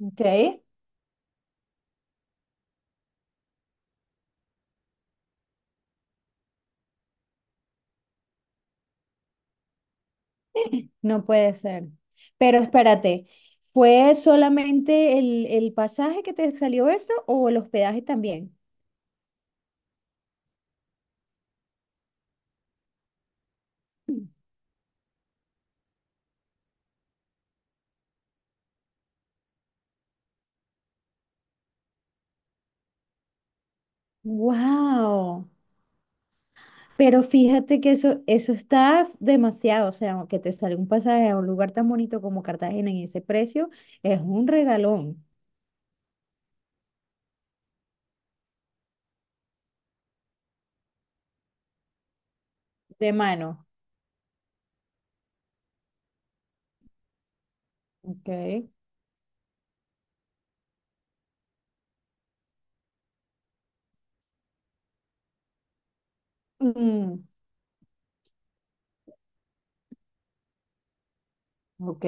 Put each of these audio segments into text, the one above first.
Ok, no puede ser. Pero espérate, ¿fue solamente el pasaje que te salió eso o el hospedaje también? Wow. Pero fíjate que eso está demasiado, o sea, que te sale un pasaje a un lugar tan bonito como Cartagena en ese precio, es un regalón de mano. Ok. Mm, ok,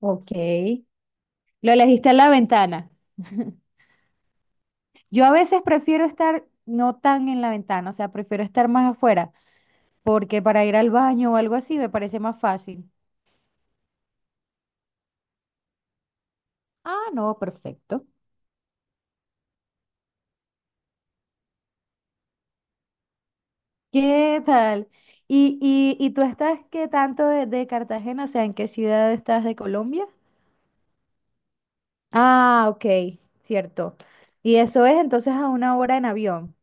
ok. Lo elegiste en la ventana. Yo a veces prefiero estar no tan en la ventana, o sea, prefiero estar más afuera, porque para ir al baño o algo así me parece más fácil. Ah, no, perfecto. ¿Qué tal? ¿Y tú estás qué tanto de Cartagena? O sea, ¿en qué ciudad estás de Colombia? Ah, ok, cierto. Y eso es entonces a una hora en avión.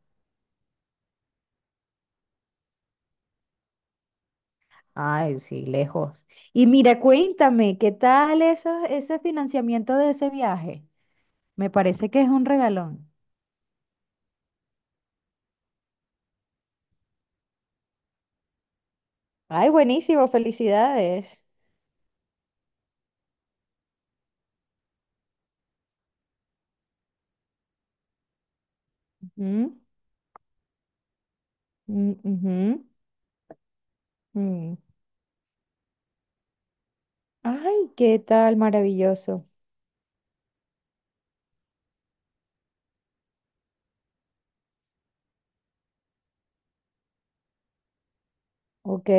Ay, sí, lejos. Y mira, cuéntame, ¿qué tal eso, ese financiamiento de ese viaje? Me parece que es un regalón. Ay, buenísimo, felicidades. Ujú, mm, ujú, mm. Ay, qué tal, maravilloso. Ok.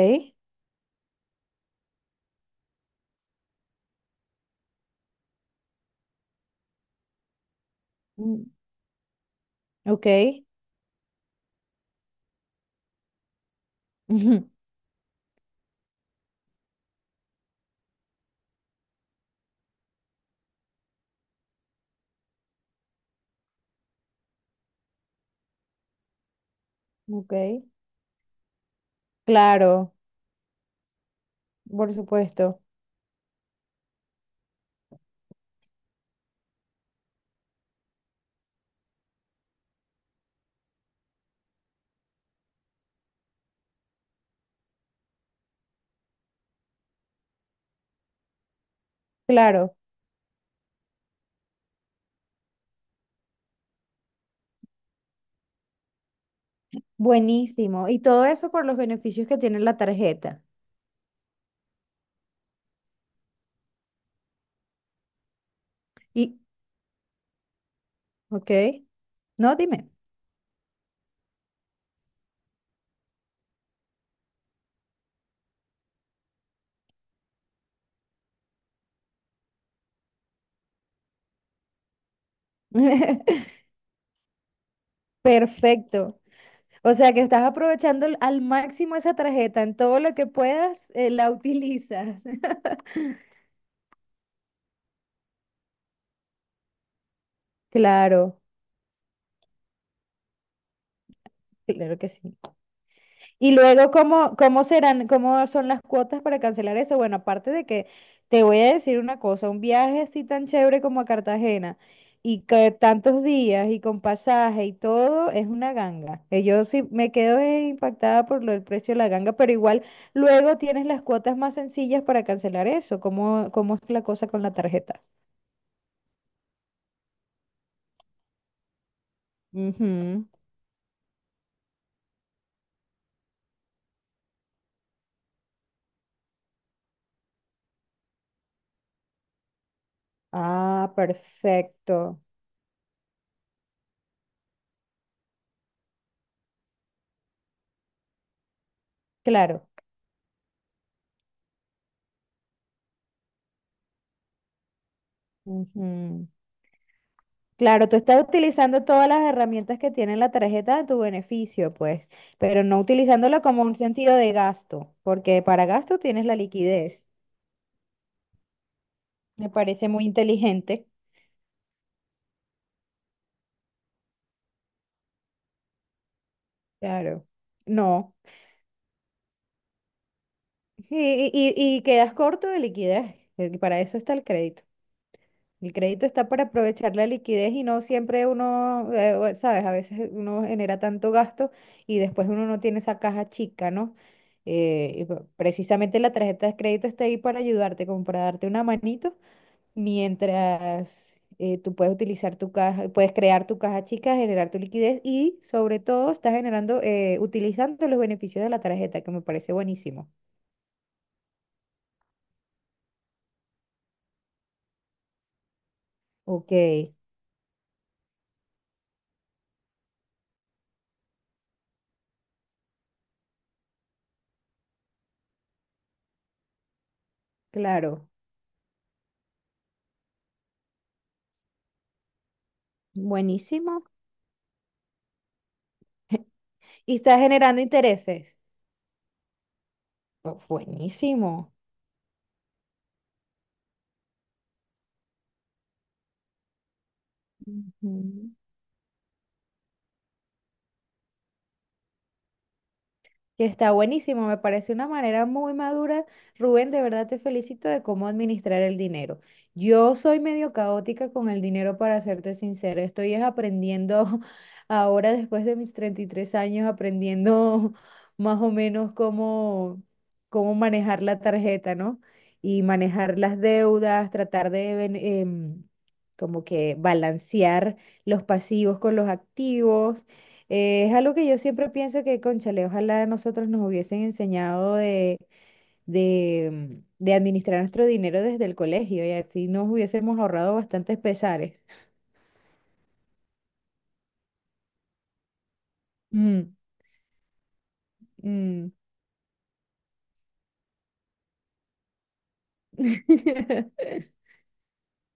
mm, Ok. Ujú, Ok. Claro, por supuesto. Claro. Buenísimo. Y todo eso por los beneficios que tiene la tarjeta. Y, ok. No, dime. Perfecto. O sea que estás aprovechando al máximo esa tarjeta. En todo lo que puedas, la utilizas. Claro, claro que sí. Y luego, ¿cómo, cómo serán, cómo son las cuotas para cancelar eso? Bueno, aparte de que te voy a decir una cosa, un viaje así tan chévere como a Cartagena y que tantos días y con pasaje y todo es una ganga. Yo sí me quedo impactada por lo del precio de la ganga, pero igual luego tienes las cuotas más sencillas para cancelar eso. ¿Cómo, cómo es la cosa con la tarjeta? Ujú. Ah, perfecto. Claro. Ujú. Claro, tú estás utilizando todas las herramientas que tiene la tarjeta a tu beneficio, pues, pero no utilizándola como un sentido de gasto, porque para gasto tienes la liquidez. Me parece muy inteligente. Claro. No. Y quedas corto de liquidez. Para eso está el crédito. El crédito está para aprovechar la liquidez y no siempre uno, sabes, a veces uno genera tanto gasto y después uno no tiene esa caja chica, ¿no? Precisamente la tarjeta de crédito está ahí para ayudarte, como para darte una manito, mientras tú puedes utilizar tu caja, puedes crear tu caja chica, generar tu liquidez y sobre todo estás generando, utilizando los beneficios de la tarjeta, que me parece buenísimo. Ok, claro, buenísimo. Y estás generando intereses. Buenísimo, Ujú. Que está buenísimo, me parece una manera muy madura. Rubén, de verdad te felicito de cómo administrar el dinero. Yo soy medio caótica con el dinero, para serte sincera. Estoy es aprendiendo ahora, después de mis 33 años, aprendiendo más o menos cómo, cómo manejar la tarjeta, ¿no? Y manejar las deudas, tratar de... como que balancear los pasivos con los activos. Es algo que yo siempre pienso que, cónchale, ojalá a nosotros nos hubiesen enseñado de, de administrar nuestro dinero desde el colegio y así nos hubiésemos ahorrado bastantes pesares. Mm, mm.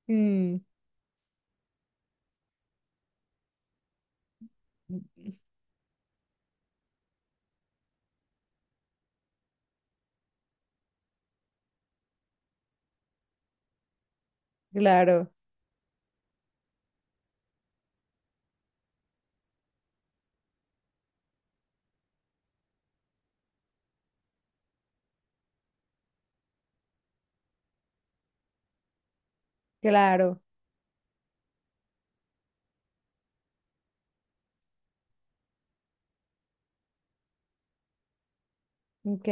Mm, claro, claro. Ok.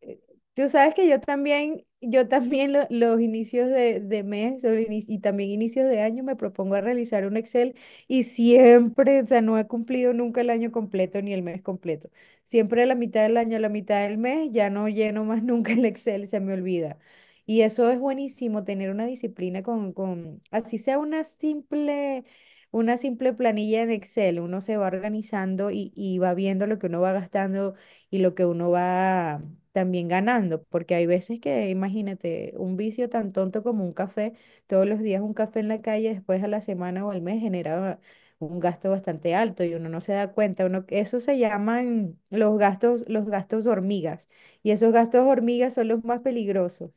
eh, Tú sabes que yo también los inicios de mes y también inicios de año me propongo a realizar un Excel y siempre, o sea, no he cumplido nunca el año completo ni el mes completo. Siempre a la mitad del año, a la mitad del mes, ya no lleno más nunca el Excel, se me olvida. Y eso es buenísimo, tener una disciplina con, así sea una simple planilla en Excel, uno se va organizando y va viendo lo que uno va gastando y lo que uno va también ganando, porque hay veces que, imagínate, un vicio tan tonto como un café, todos los días un café en la calle, después a la semana o al mes genera un gasto bastante alto y uno no se da cuenta, uno, eso se llaman los gastos hormigas, y esos gastos hormigas son los más peligrosos.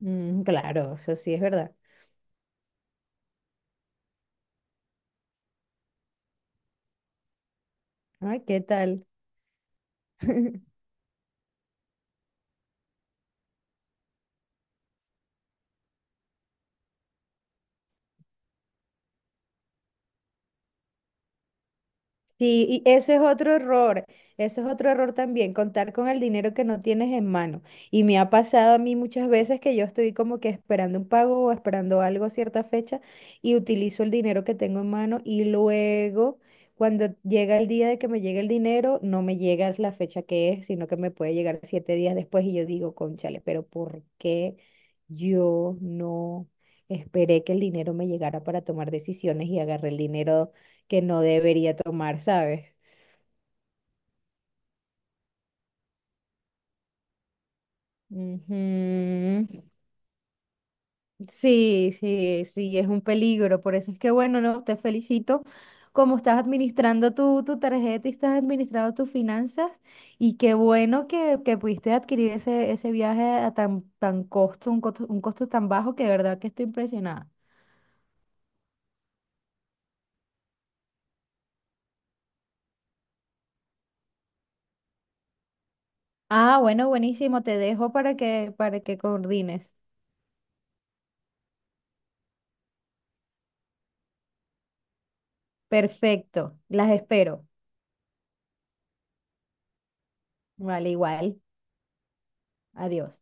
Mm, claro, eso sí es verdad. Ay, ¿qué tal? Sí, y eso es otro error, eso es otro error también, contar con el dinero que no tienes en mano. Y me ha pasado a mí muchas veces que yo estoy como que esperando un pago o esperando algo a cierta fecha y utilizo el dinero que tengo en mano y luego cuando llega el día de que me llegue el dinero, no me llega la fecha que es, sino que me puede llegar 7 días después y yo digo, cónchale, pero ¿por qué yo no esperé que el dinero me llegara para tomar decisiones y agarré el dinero? Que no debería tomar, ¿sabes? Ujú. Sí, sí, sí, es un peligro. Por eso es que, bueno, no, te felicito. Como estás administrando tu, tu tarjeta y estás administrando tus finanzas, y qué bueno que pudiste adquirir ese, ese viaje a tan, tan costo, un costo, un costo tan bajo que de verdad que estoy impresionada. Ah, bueno, buenísimo, te dejo para que coordines. Perfecto, las espero. Vale, igual. Adiós.